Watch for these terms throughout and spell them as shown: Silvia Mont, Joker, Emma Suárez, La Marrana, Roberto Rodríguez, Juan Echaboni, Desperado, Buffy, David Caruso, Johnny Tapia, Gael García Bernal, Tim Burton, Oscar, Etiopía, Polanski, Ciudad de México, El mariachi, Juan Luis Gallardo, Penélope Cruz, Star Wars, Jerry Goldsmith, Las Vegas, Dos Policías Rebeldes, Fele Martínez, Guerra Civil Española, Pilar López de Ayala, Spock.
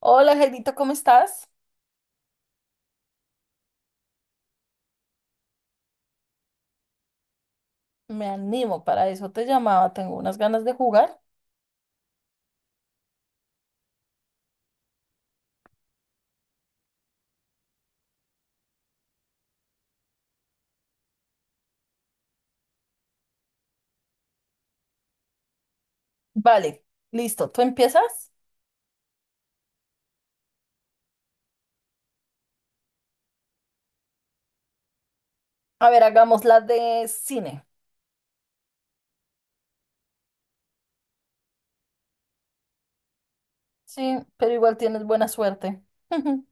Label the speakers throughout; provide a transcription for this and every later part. Speaker 1: Hola, Jairito, ¿cómo estás? Me animo, para eso te llamaba, tengo unas ganas de jugar. Vale, listo, ¿tú empiezas? A ver, hagamos la de cine. Sí, pero igual tienes buena suerte.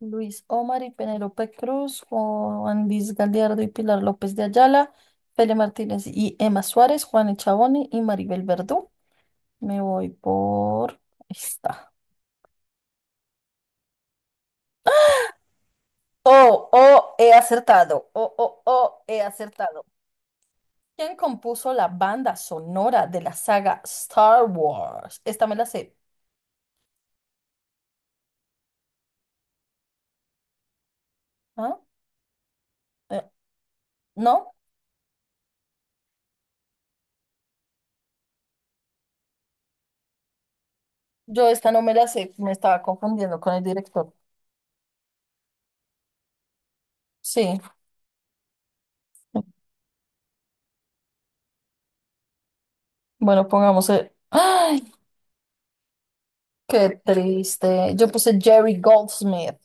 Speaker 1: Luis Omar y Penélope Cruz, Juan Luis Gallardo y Pilar López de Ayala, Fele Martínez y Emma Suárez, Juan Echaboni y Maribel Verdú. Me voy por esta. Oh, oh, he acertado. Oh, oh, oh, he acertado. ¿Quién compuso la banda sonora de la saga Star Wars? Esta me la sé. ¿Ah? Eh, ¿No? Yo esta no me la sé. Me estaba confundiendo con el director. Sí. Bueno, pongamos el. ¡Ay! ¡Qué triste! Yo puse Jerry Goldsmith.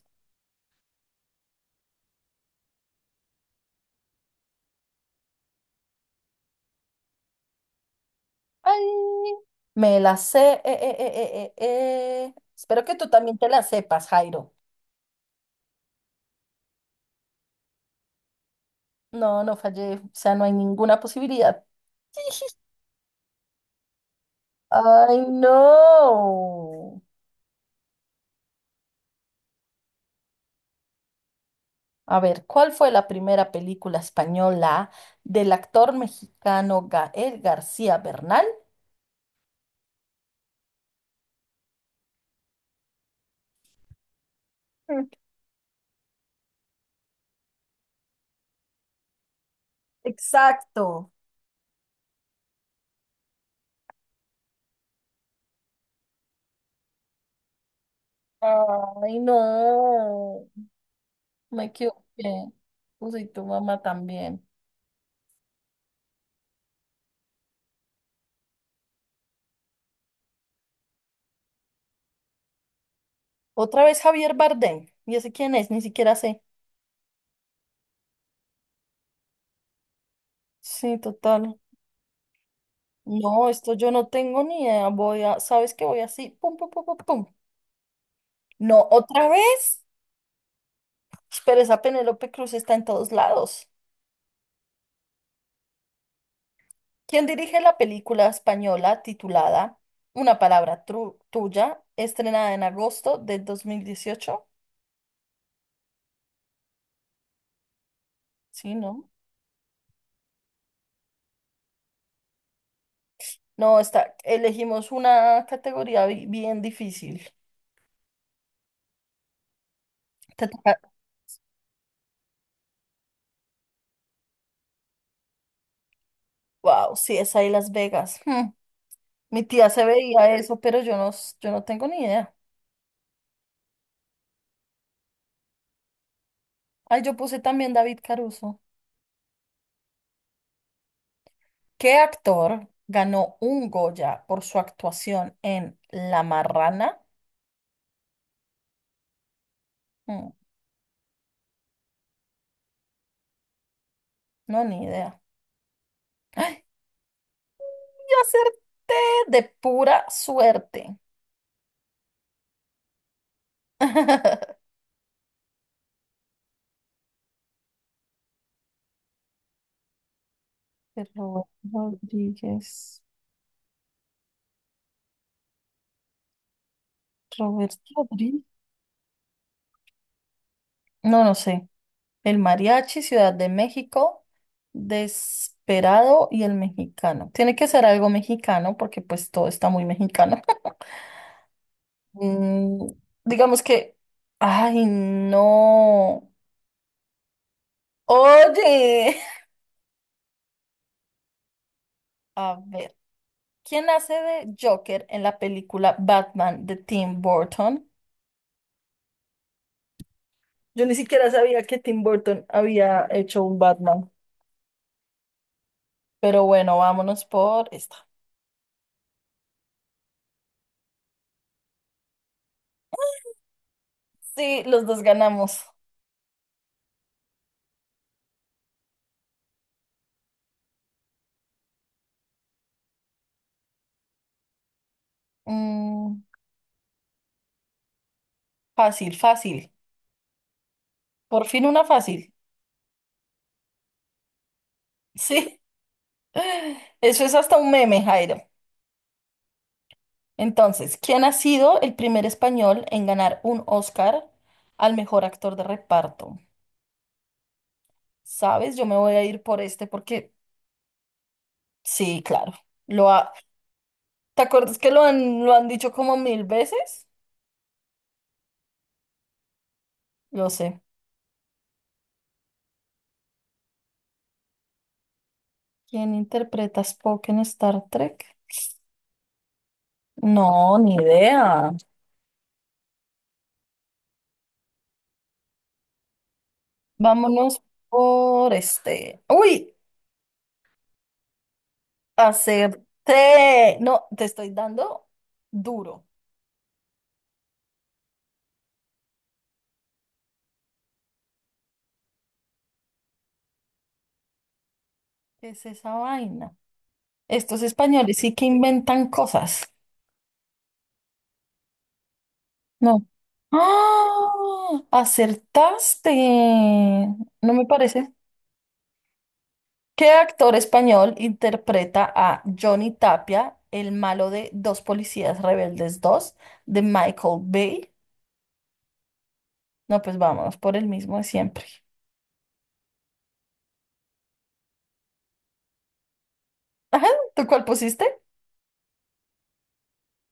Speaker 1: ¡Ay! Me la sé. Espero que tú también te la sepas, Jairo. No, no fallé. O sea, no hay ninguna posibilidad. ¡Ay, no! A ver, ¿cuál fue la primera película española del actor mexicano Gael García Bernal? Mm. Exacto. Ay, no, me equivoqué. Uy, y tu mamá también. Otra vez Javier Bardem. ¿Y ese quién es? Ni siquiera sé. Sí, total. No, esto yo no tengo ni idea. Voy a, ¿sabes qué? Voy así. Pum, pum, pum, pum, pum. No, otra vez. Pero esa Penélope Cruz está en todos lados. ¿Quien dirige la película española titulada una palabra tuya, estrenada en agosto del 2018? Sí, ¿no? No, está, elegimos una categoría bien difícil. Te toca- Wow, sí, es ahí Las Vegas. Hmm. Mi tía se veía eso, pero yo no, yo no tengo ni idea. Ay, yo puse también David Caruso. ¿Qué actor ganó un Goya por su actuación en La Marrana? Hmm, no, ni idea. Yo acerté de pura suerte. De Roberto Rodríguez. Roberto Rodríguez. No, no sé. El mariachi, Ciudad de México, Desperado y el mexicano. Tiene que ser algo mexicano porque pues todo está muy mexicano. Mm, digamos que. Ay, no. Oye. A ver. ¿Quién hace de Joker en la película Batman de Tim Burton? Yo ni siquiera sabía que Tim Burton había hecho un Batman. Pero bueno, vámonos por esta. Sí, los dos ganamos. Mm, fácil, fácil. Por fin una fácil. Sí. Eso es hasta un meme, Jairo. Entonces, ¿quién ha sido el primer español en ganar un Oscar al mejor actor de reparto? ¿Sabes? Yo me voy a ir por este porque sí, claro. Lo ha- ¿Te acuerdas que lo han dicho como mil veces? Lo sé. ¿Quién interpreta a Spock en Star Trek? No, ni idea. Vámonos por este. ¡Uy! Acerté. No, te estoy dando duro. ¿Qué es esa vaina? Estos españoles sí que inventan cosas. No. ¡Ah! ¡Acertaste! No me parece. ¿Qué actor español interpreta a Johnny Tapia, el malo de Dos Policías Rebeldes dos, de Michael Bay? No, pues vámonos por el mismo de siempre. Ajá, ¿tú cuál pusiste?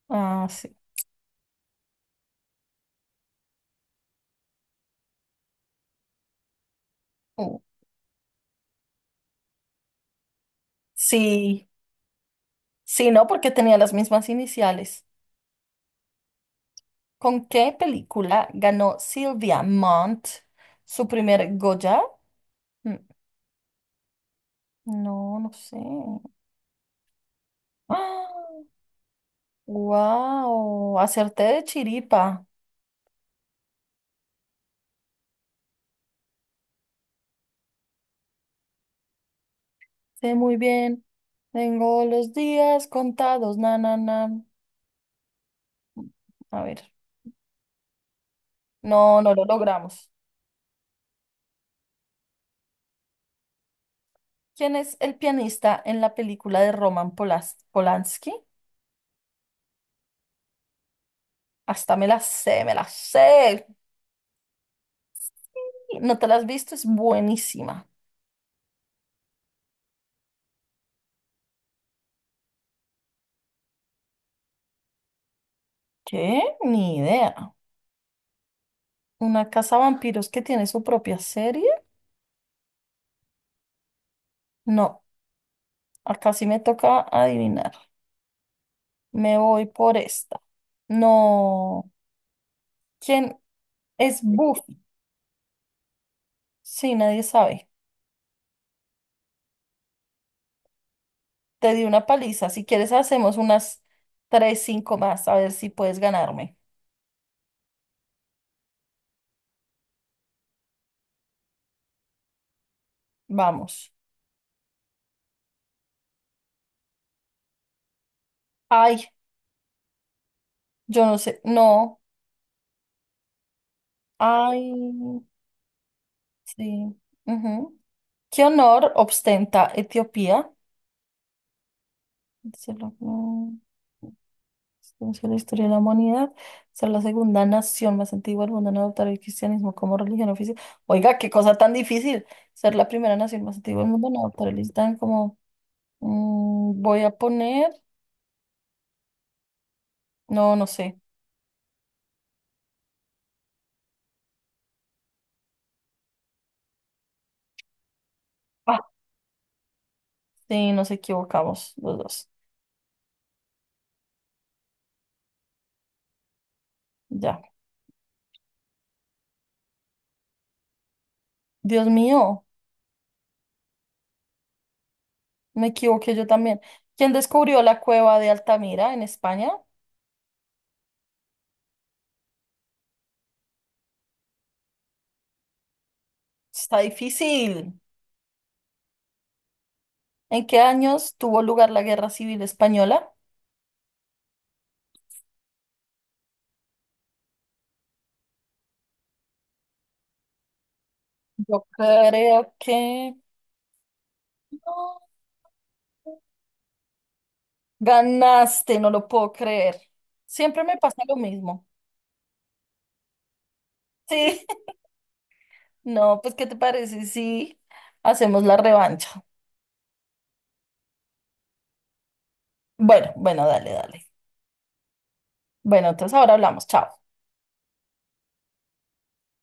Speaker 1: Ah, sí. Uh. Sí, sí, no, porque tenía las mismas iniciales. ¿Con qué película ganó Silvia Mont su primer Goya? Mm, no, no sé. Wow, acerté de chiripa. Sé muy bien. Tengo los días contados, na, na, na. A ver, no, no lo logramos. ¿Quién es el pianista en la película de Roman Polanski? Hasta me la sé, me la sé. ¿No te la has visto? Es buenísima. ¿Qué? Ni idea. ¿Una casa vampiros que tiene su propia serie? No, acá sí me toca adivinar. Me voy por esta. No. ¿Quién es Buffy? Sí, nadie sabe. Te di una paliza. Si quieres, hacemos unas tres, cinco más. A ver si puedes ganarme. Vamos. Ay, yo no sé. No. Ay, sí. Ujú. ¿Qué honor ostenta Etiopía? Se lo- mm, Inició la historia de la humanidad. Ser la segunda nación más antigua del mundo en adoptar el cristianismo como religión oficial. Oiga, qué cosa tan difícil. Ser la primera nación más antigua del mundo en adoptar el Islam como. Mm, voy a poner. No, no sé. Ah, sí, nos equivocamos los dos. Ya. Dios mío, me equivoqué yo también. ¿Quién descubrió la cueva de Altamira en España? Está difícil. ¿En qué años tuvo lugar la Guerra Civil Española? Yo creo que no. Ganaste, no lo puedo creer. Siempre me pasa lo mismo. Sí. No, pues, ¿qué te parece si hacemos la revancha? Bueno, bueno, dale, dale. Bueno, entonces ahora hablamos. Chao.